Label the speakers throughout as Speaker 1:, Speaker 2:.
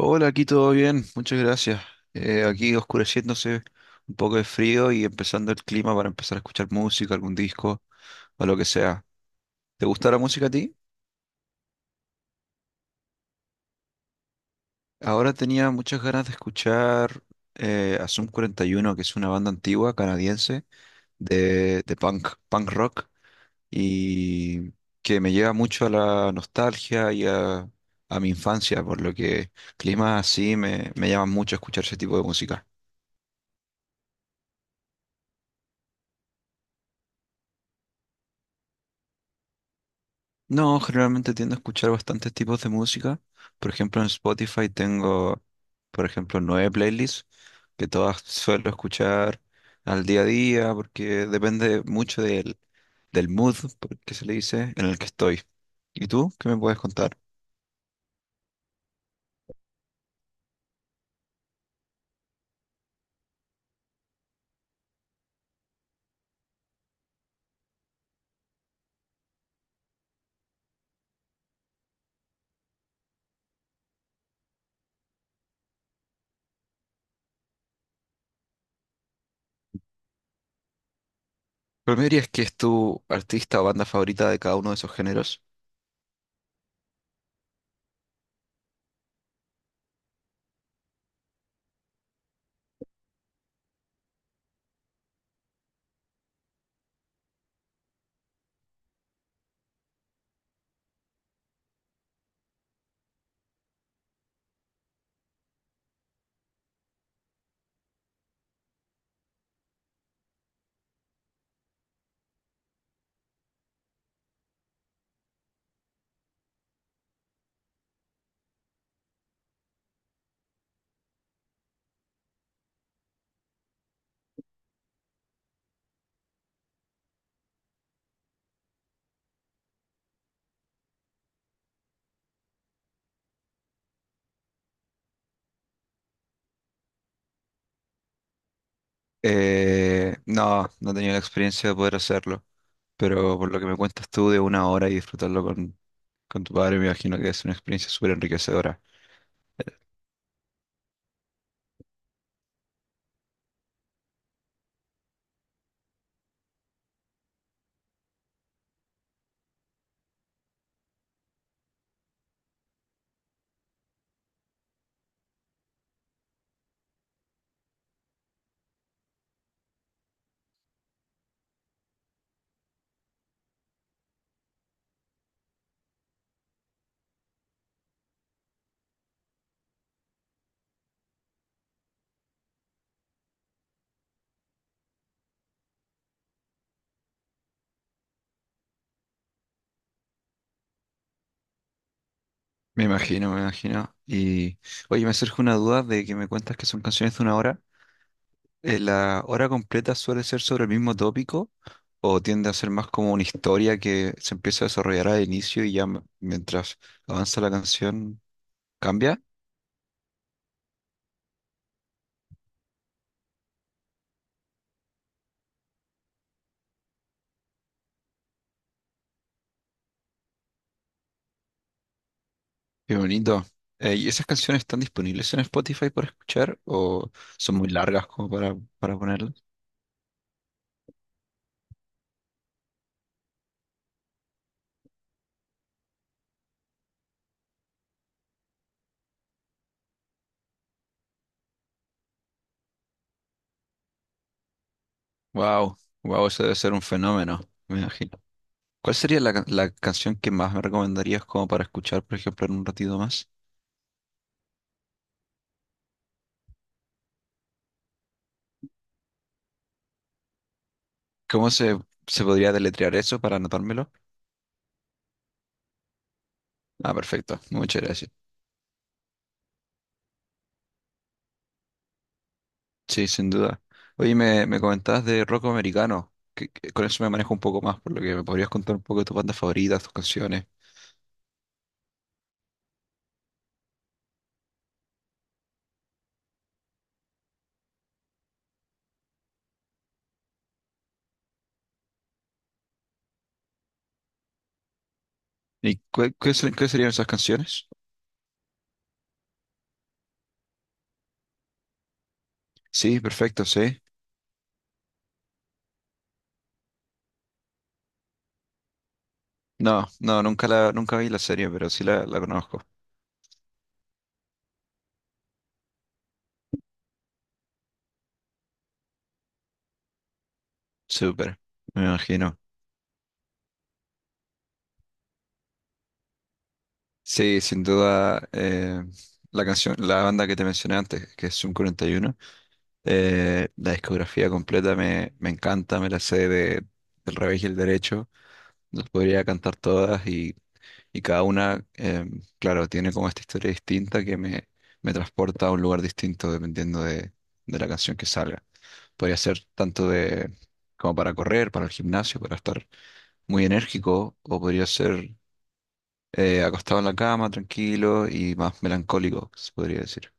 Speaker 1: Hola, aquí todo bien, muchas gracias. Aquí oscureciéndose, un poco de frío y empezando el clima para empezar a escuchar música, algún disco o lo que sea. ¿Te gusta la música a ti? Ahora tenía muchas ganas de escuchar a Sum 41, que es una banda antigua canadiense de punk, punk rock y que me lleva mucho a la nostalgia y a mi infancia, por lo que climas así me llaman mucho a escuchar ese tipo de música. No, generalmente tiendo a escuchar bastantes tipos de música. Por ejemplo, en Spotify tengo, por ejemplo, nueve playlists que todas suelo escuchar al día a día porque depende mucho del mood, que se le dice, en el que estoy. ¿Y tú? ¿Qué me puedes contar? ¿Pero me dirías que es tu artista o banda favorita de cada uno de esos géneros? No, no he tenido la experiencia de poder hacerlo, pero por lo que me cuentas tú de una hora y disfrutarlo con tu padre, me imagino que es una experiencia súper enriquecedora. Me imagino, me imagino. Y oye, me surge una duda de que me cuentas que son canciones de una hora. ¿La hora completa suele ser sobre el mismo tópico o tiende a ser más como una historia que se empieza a desarrollar al inicio y ya mientras avanza la canción cambia? Qué bonito. ¿Y esas canciones están disponibles en Spotify para escuchar o son muy largas como para ponerlas? Wow, wow, eso debe ser un fenómeno, me imagino. ¿Cuál sería la canción que más me recomendarías como para escuchar, por ejemplo, en un ratito más? ¿Cómo se podría deletrear eso para anotármelo? Ah, perfecto. Muchas gracias. Sí, sin duda. Oye, me comentabas de rock americano, que con eso me manejo un poco más, por lo que me podrías contar un poco de tus bandas favoritas, tus canciones. ¿Y qué serían esas canciones? Sí, perfecto, sí. No, no, nunca vi la serie, pero sí la conozco. Súper, me imagino. Sí, sin duda, la banda que te mencioné antes, que es Zoom 41, la discografía completa me encanta, me la sé del revés y el derecho, las podría cantar todas y cada una, claro, tiene como esta historia distinta que me transporta a un lugar distinto dependiendo de la canción que salga. Podría ser tanto de como para correr, para el gimnasio, para estar muy enérgico, o podría ser acostado en la cama, tranquilo y más melancólico, se podría decir.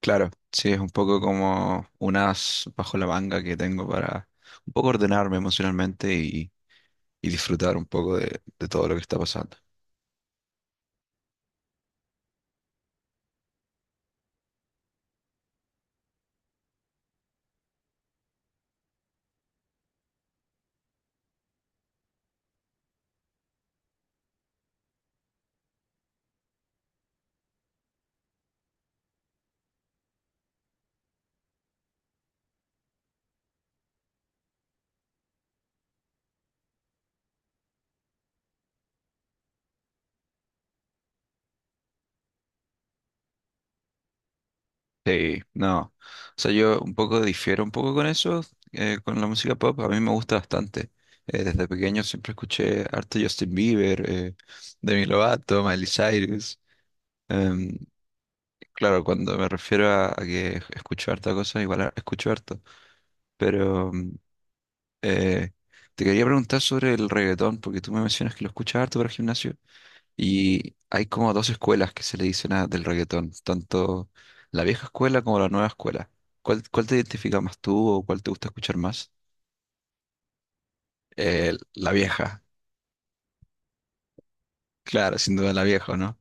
Speaker 1: Claro, sí, es un poco como un as bajo la manga que tengo para un poco ordenarme emocionalmente y disfrutar un poco de todo lo que está pasando. Sí, no, o sea, yo un poco difiero un poco con eso, con la música pop, a mí me gusta bastante. Desde pequeño siempre escuché harto Justin Bieber, Demi Lovato, Miley Cyrus. Claro, cuando me refiero a que escucho harta cosa, igual escucho harto. Pero eh, te quería preguntar sobre el reggaetón, porque tú me mencionas que lo escuchas harto para el gimnasio. Y hay como dos escuelas que se le dicen del reggaetón, tanto la vieja escuela como la nueva escuela. ¿Cuál, cuál te identifica más tú o cuál te gusta escuchar más? La vieja, claro, sin duda la vieja, ¿no?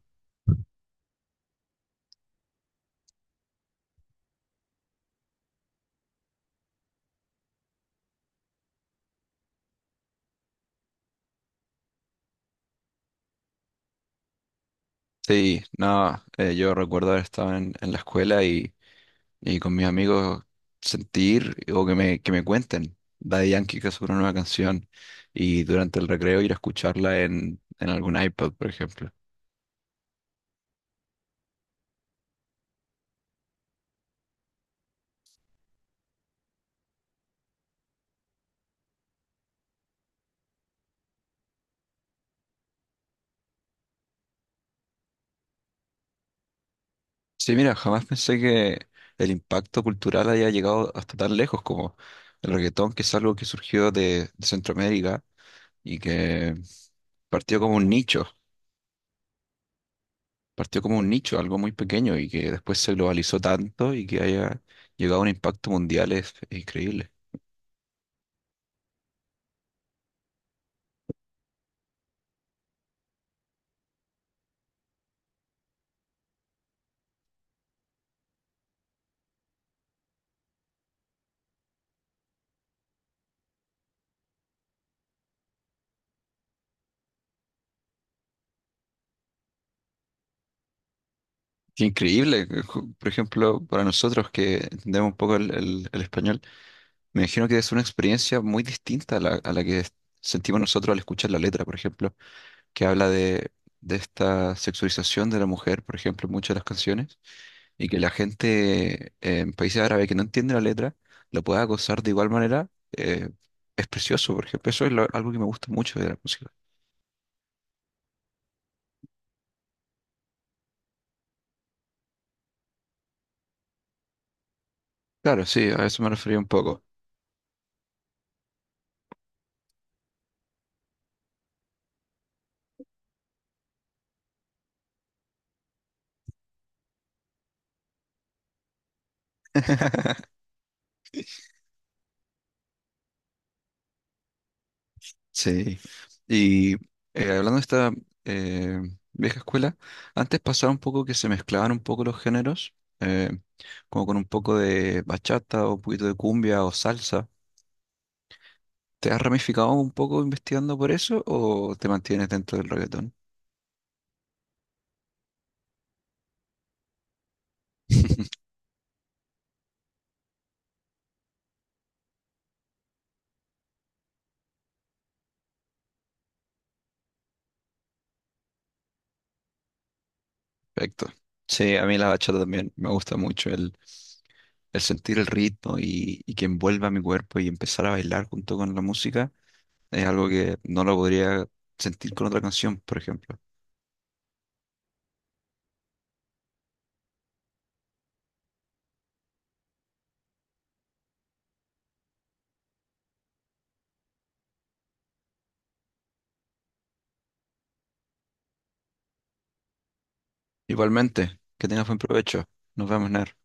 Speaker 1: Sí, no, yo recuerdo haber estado en la escuela y con mis amigos sentir o que que me cuenten. Daddy Yankee que sacó una nueva canción y durante el recreo ir a escucharla en algún iPod, por ejemplo. Sí, mira, jamás pensé que el impacto cultural haya llegado hasta tan lejos como el reggaetón, que es algo que surgió de Centroamérica y que partió como un nicho, partió como un nicho, algo muy pequeño y que después se globalizó tanto y que haya llegado a un impacto mundial es increíble. Qué increíble, que por ejemplo, para nosotros que entendemos un poco el, el español, me imagino que es una experiencia muy distinta a a la que sentimos nosotros al escuchar la letra, por ejemplo, que habla de esta sexualización de la mujer, por ejemplo, en muchas de las canciones, y que la gente en países árabes que no entiende la letra la pueda gozar de igual manera, eh, es precioso, por ejemplo, eso es algo que me gusta mucho de la música. Claro, sí, a eso me refería un poco. Sí. Y hablando de esta eh, vieja escuela, antes pasaba un poco que se mezclaban un poco los géneros, eh, como con un poco de bachata o un poquito de cumbia o salsa. ¿Te has ramificado un poco investigando por eso o te mantienes dentro del reggaetón? Perfecto. Sí, a mí la bachata también me gusta mucho, el sentir el ritmo y que envuelva mi cuerpo y empezar a bailar junto con la música es algo que no lo podría sentir con otra canción, por ejemplo. Igualmente, que tengas buen provecho. Nos vemos, Ner.